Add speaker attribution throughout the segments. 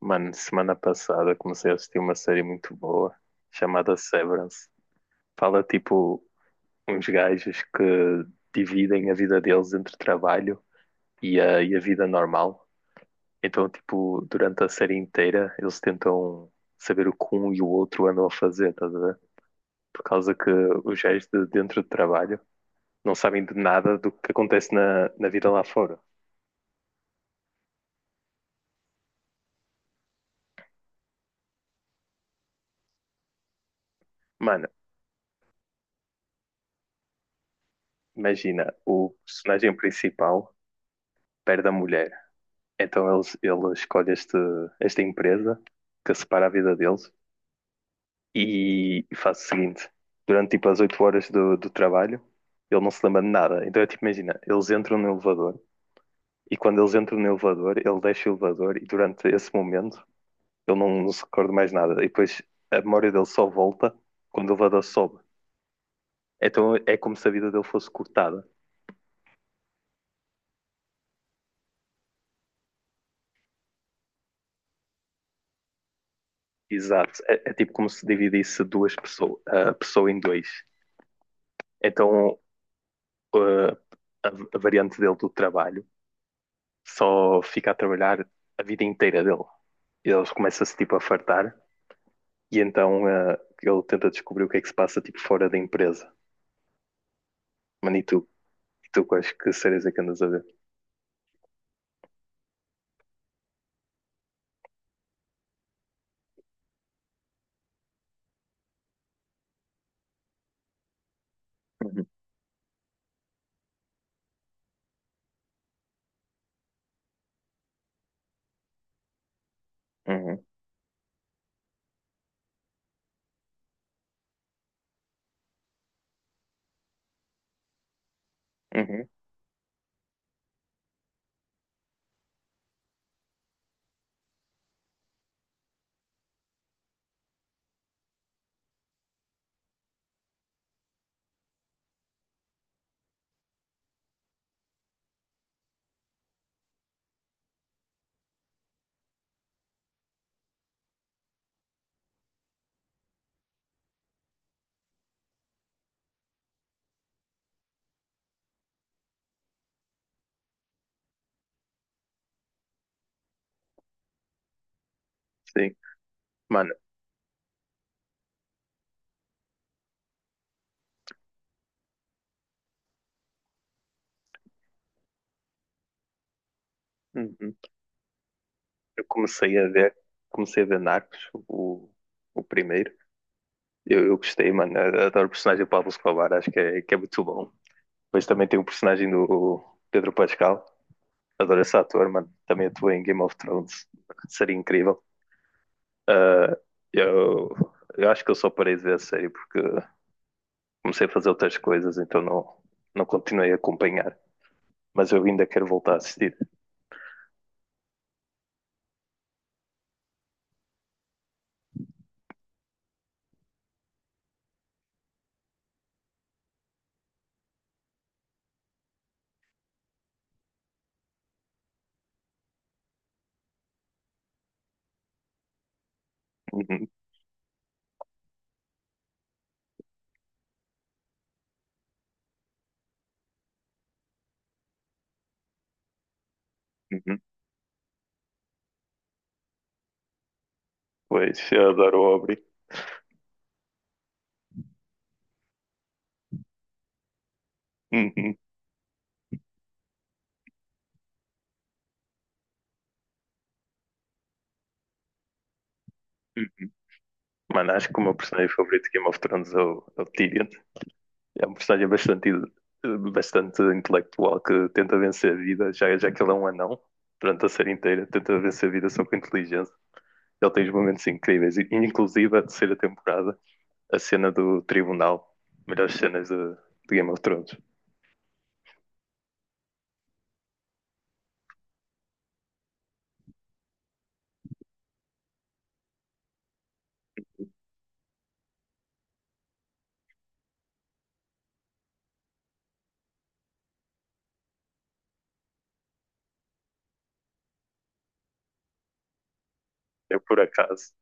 Speaker 1: Mano, semana passada comecei a assistir uma série muito boa chamada Severance. Fala tipo uns gajos que dividem a vida deles entre trabalho e a vida normal. Então, tipo, durante a série inteira eles tentam saber o que um e o outro andam a fazer, estás a ver? Por causa que os gajos de dentro do trabalho não sabem de nada do que acontece na vida lá fora. Mano, imagina, o personagem principal perde a mulher. Então ele escolhe esta empresa que separa a vida deles e faz o seguinte: durante tipo as 8 horas do trabalho, ele não se lembra de nada. Então é tipo, imagina, eles entram no elevador e quando eles entram no elevador, ele deixa o elevador e durante esse momento ele não se recorda mais nada. E depois a memória dele só volta quando o elevador sobe. Então é como se a vida dele fosse cortada. Exato. É tipo como se dividisse duas pessoas, a pessoa em dois. Então eh, a, a variante dele do trabalho só fica a trabalhar a vida inteira dele. E eles começam-se tipo a fartar e então ele tenta descobrir o que é que se passa tipo fora da empresa. Mano, e tu? E tu quais que séries é que andas a ver? Uhum, uhum, uhum. Sim. Mano, uhum. Eu comecei a ver Narcos, o primeiro. Eu gostei, mano. Eu adoro o personagem do Pablo Escobar, acho que é muito bom. Depois também tem o personagem do Pedro Pascal. Adoro esse ator, mano. Também atuou em Game of Thrones. Seria incrível. Ah, eu, eu acho que eu só parei de ver a série porque comecei a fazer outras coisas, então não continuei a acompanhar. Mas eu ainda quero voltar a assistir. Uhum, uhum. Pois, eu adoro o Aubrey. Uhum. Mano, acho que o meu personagem favorito de Game of Thrones é o Tyrion. É um personagem bastante, bastante intelectual que tenta vencer a vida, já que ele é um anão durante a série inteira, tenta vencer a vida só com inteligência. Ele tem os momentos incríveis, inclusive a terceira temporada, a cena do tribunal, melhores cenas de Game of Thrones. Eu por acaso,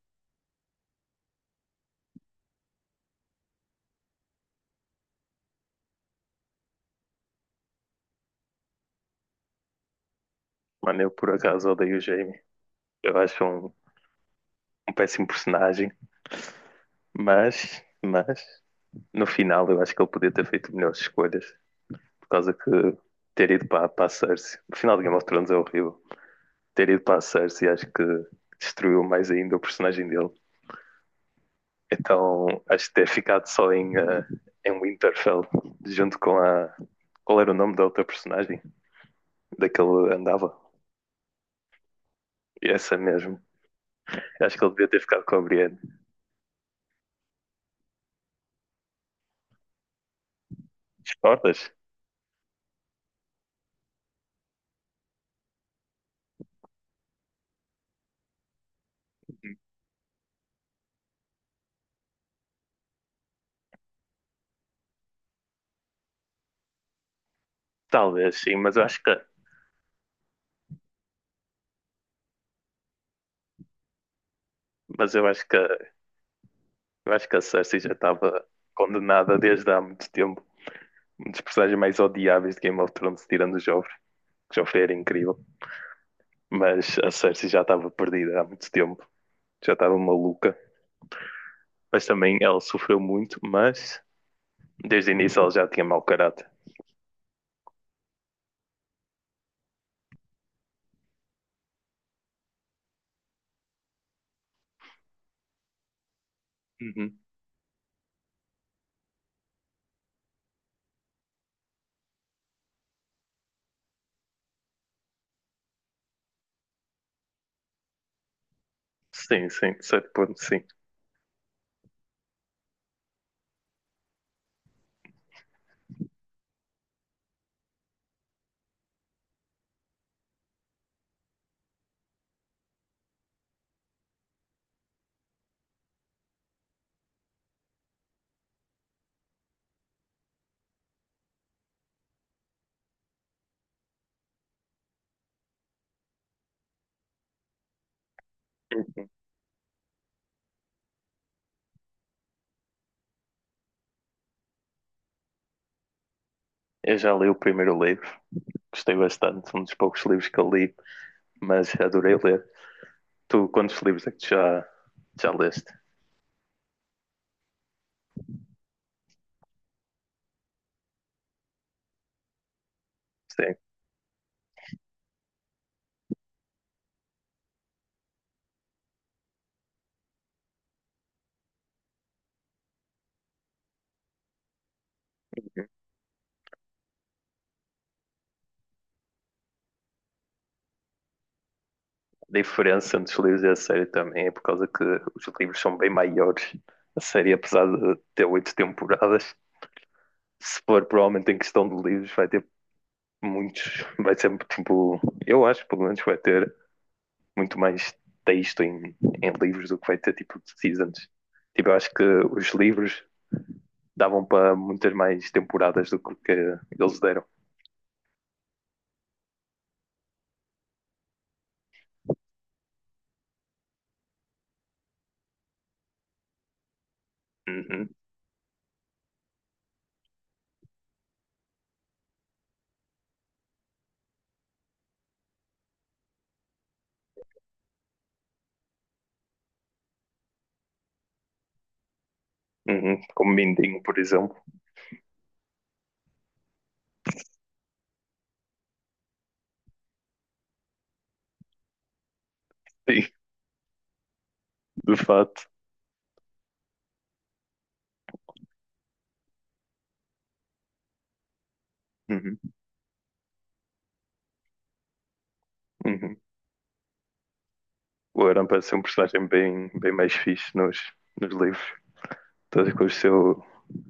Speaker 1: mano, eu por acaso odeio o Jaime. Eu acho um péssimo personagem, mas no final eu acho que ele podia ter feito melhores escolhas, por causa que ter ido para a Cersei, no final de Game of Thrones é horrível. Ter ido para a Cersei acho que destruiu mais ainda o personagem dele. Então, acho que ter ficado só em Winterfell, junto com a. Qual era o nome da outra personagem? Daquele andava? Essa mesmo. Acho que ele devia ter ficado com a Brienne. Discordas? Talvez, sim, mas eu acho que. Mas eu acho que a Cersei já estava condenada desde há muito tempo. Um dos personagens mais odiáveis de Game of Thrones, tirando o Joffrey, que o Joffrey era incrível. Mas a Cersei já estava perdida há muito tempo. Já estava maluca. Mas também ela sofreu muito, Desde o início ele já tinha mau caráter. Uhum. Sim, sim, de certo ponto, sim. Uhum. Eu já li o primeiro livro, gostei bastante, um dos poucos livros que eu li, mas adorei ler. Tu, quantos livros é que tu já leste? Sim. Uhum. A diferença entre os livros e a série também é por causa que os livros são bem maiores. A série, apesar de ter oito temporadas, se for provavelmente em questão de livros, vai ter muitos, vai ser tipo, eu acho pelo menos vai ter muito mais texto em livros do que vai ter tipo de seasons. Tipo, eu acho que os livros davam para muitas mais temporadas do que, o que eles deram. Uhum, uhum. Como Mindinho, por exemplo. Sim, de fato. Uhum, uhum. O Aran parece ser um personagem bem, bem mais fixe nos livros. Todas com o seu,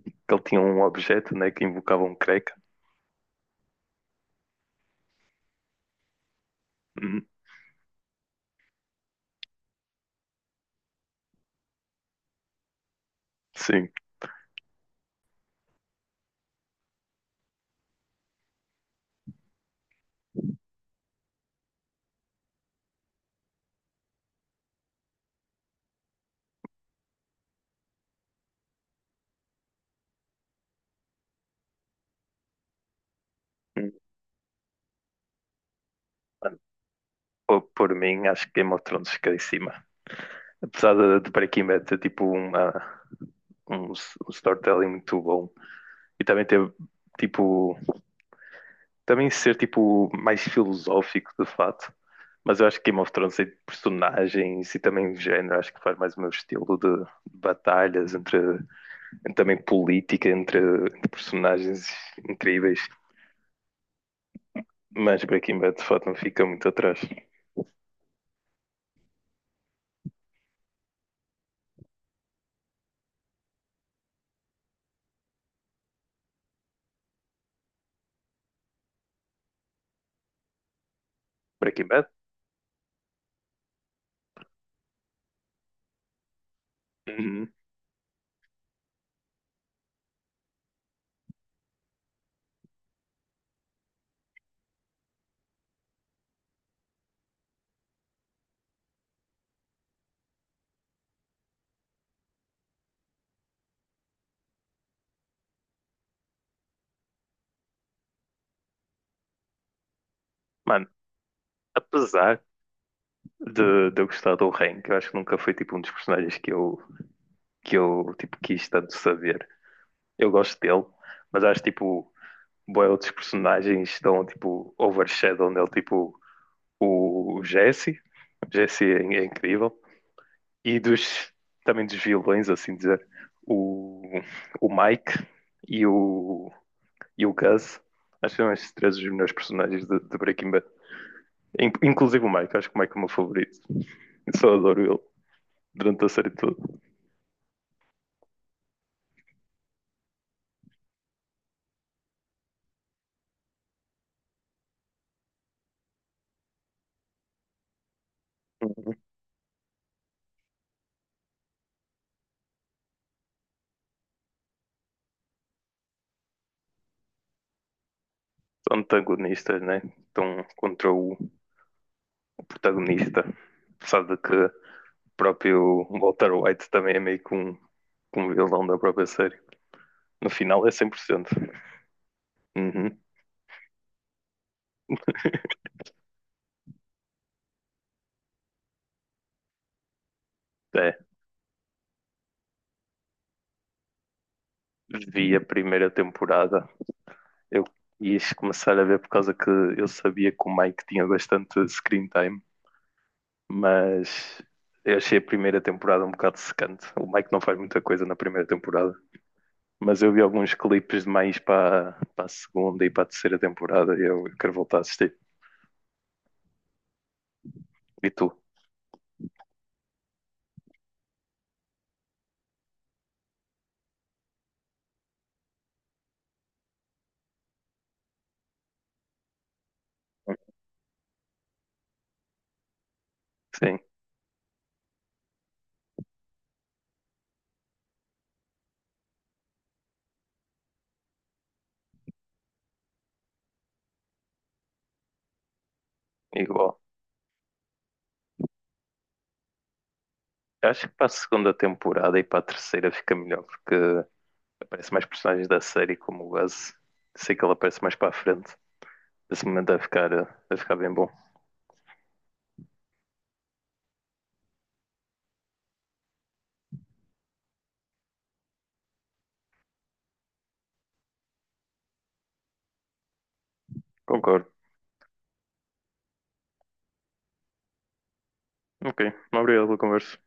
Speaker 1: que ele tinha um objeto né, que invocava um creca. Uhum. Sim. Uhum. Por mim, acho que Game of Thrones fica em cima. Apesar de Breaking Bad ter tipo um storytelling muito bom e também ter tipo também ser tipo mais filosófico de fato. Mas eu acho que Game of Thrones tem personagens e também género, acho que faz mais o meu estilo de batalhas entre também política entre personagens incríveis. Mas Breaking Bad de fato não fica muito atrás. Breaking Bad? Uhum. Mano, apesar de eu gostar do Hank, eu acho que nunca foi tipo um dos personagens que eu tipo, quis tanto saber. Eu gosto dele, mas acho tipo, bué outros personagens estão tipo overshadow nele, tipo o Jesse. O Jesse é incrível. E também dos vilões, assim dizer, o, o Mike e o, e o Gus. Acho que são esses três os melhores personagens de Breaking Bad. Inclusive o Mike, acho que o Mike é o meu favorito. Eu só adoro ele durante a série toda. Uhum. São antagonistas, né? Estão contra o protagonista. Apesar de que próprio Walter White também é meio que um vilão da própria série. No final é 100%. Uhum. É. Vi a primeira temporada. Eu quis começar a ver por causa que eu sabia que o Mike tinha bastante screen time, mas eu achei a primeira temporada um bocado secante. O Mike não faz muita coisa na primeira temporada, mas eu vi alguns clipes de mais para a segunda e para a terceira temporada e eu quero voltar a assistir. E tu? Sim, igual. Eu acho que para a segunda temporada e para a terceira fica melhor, porque aparece mais personagens da série, como o Buzz. Sei que ele aparece mais para a frente. Esse momento vai ficar bem bom. Concordo. Ok, obrigado pela conversa.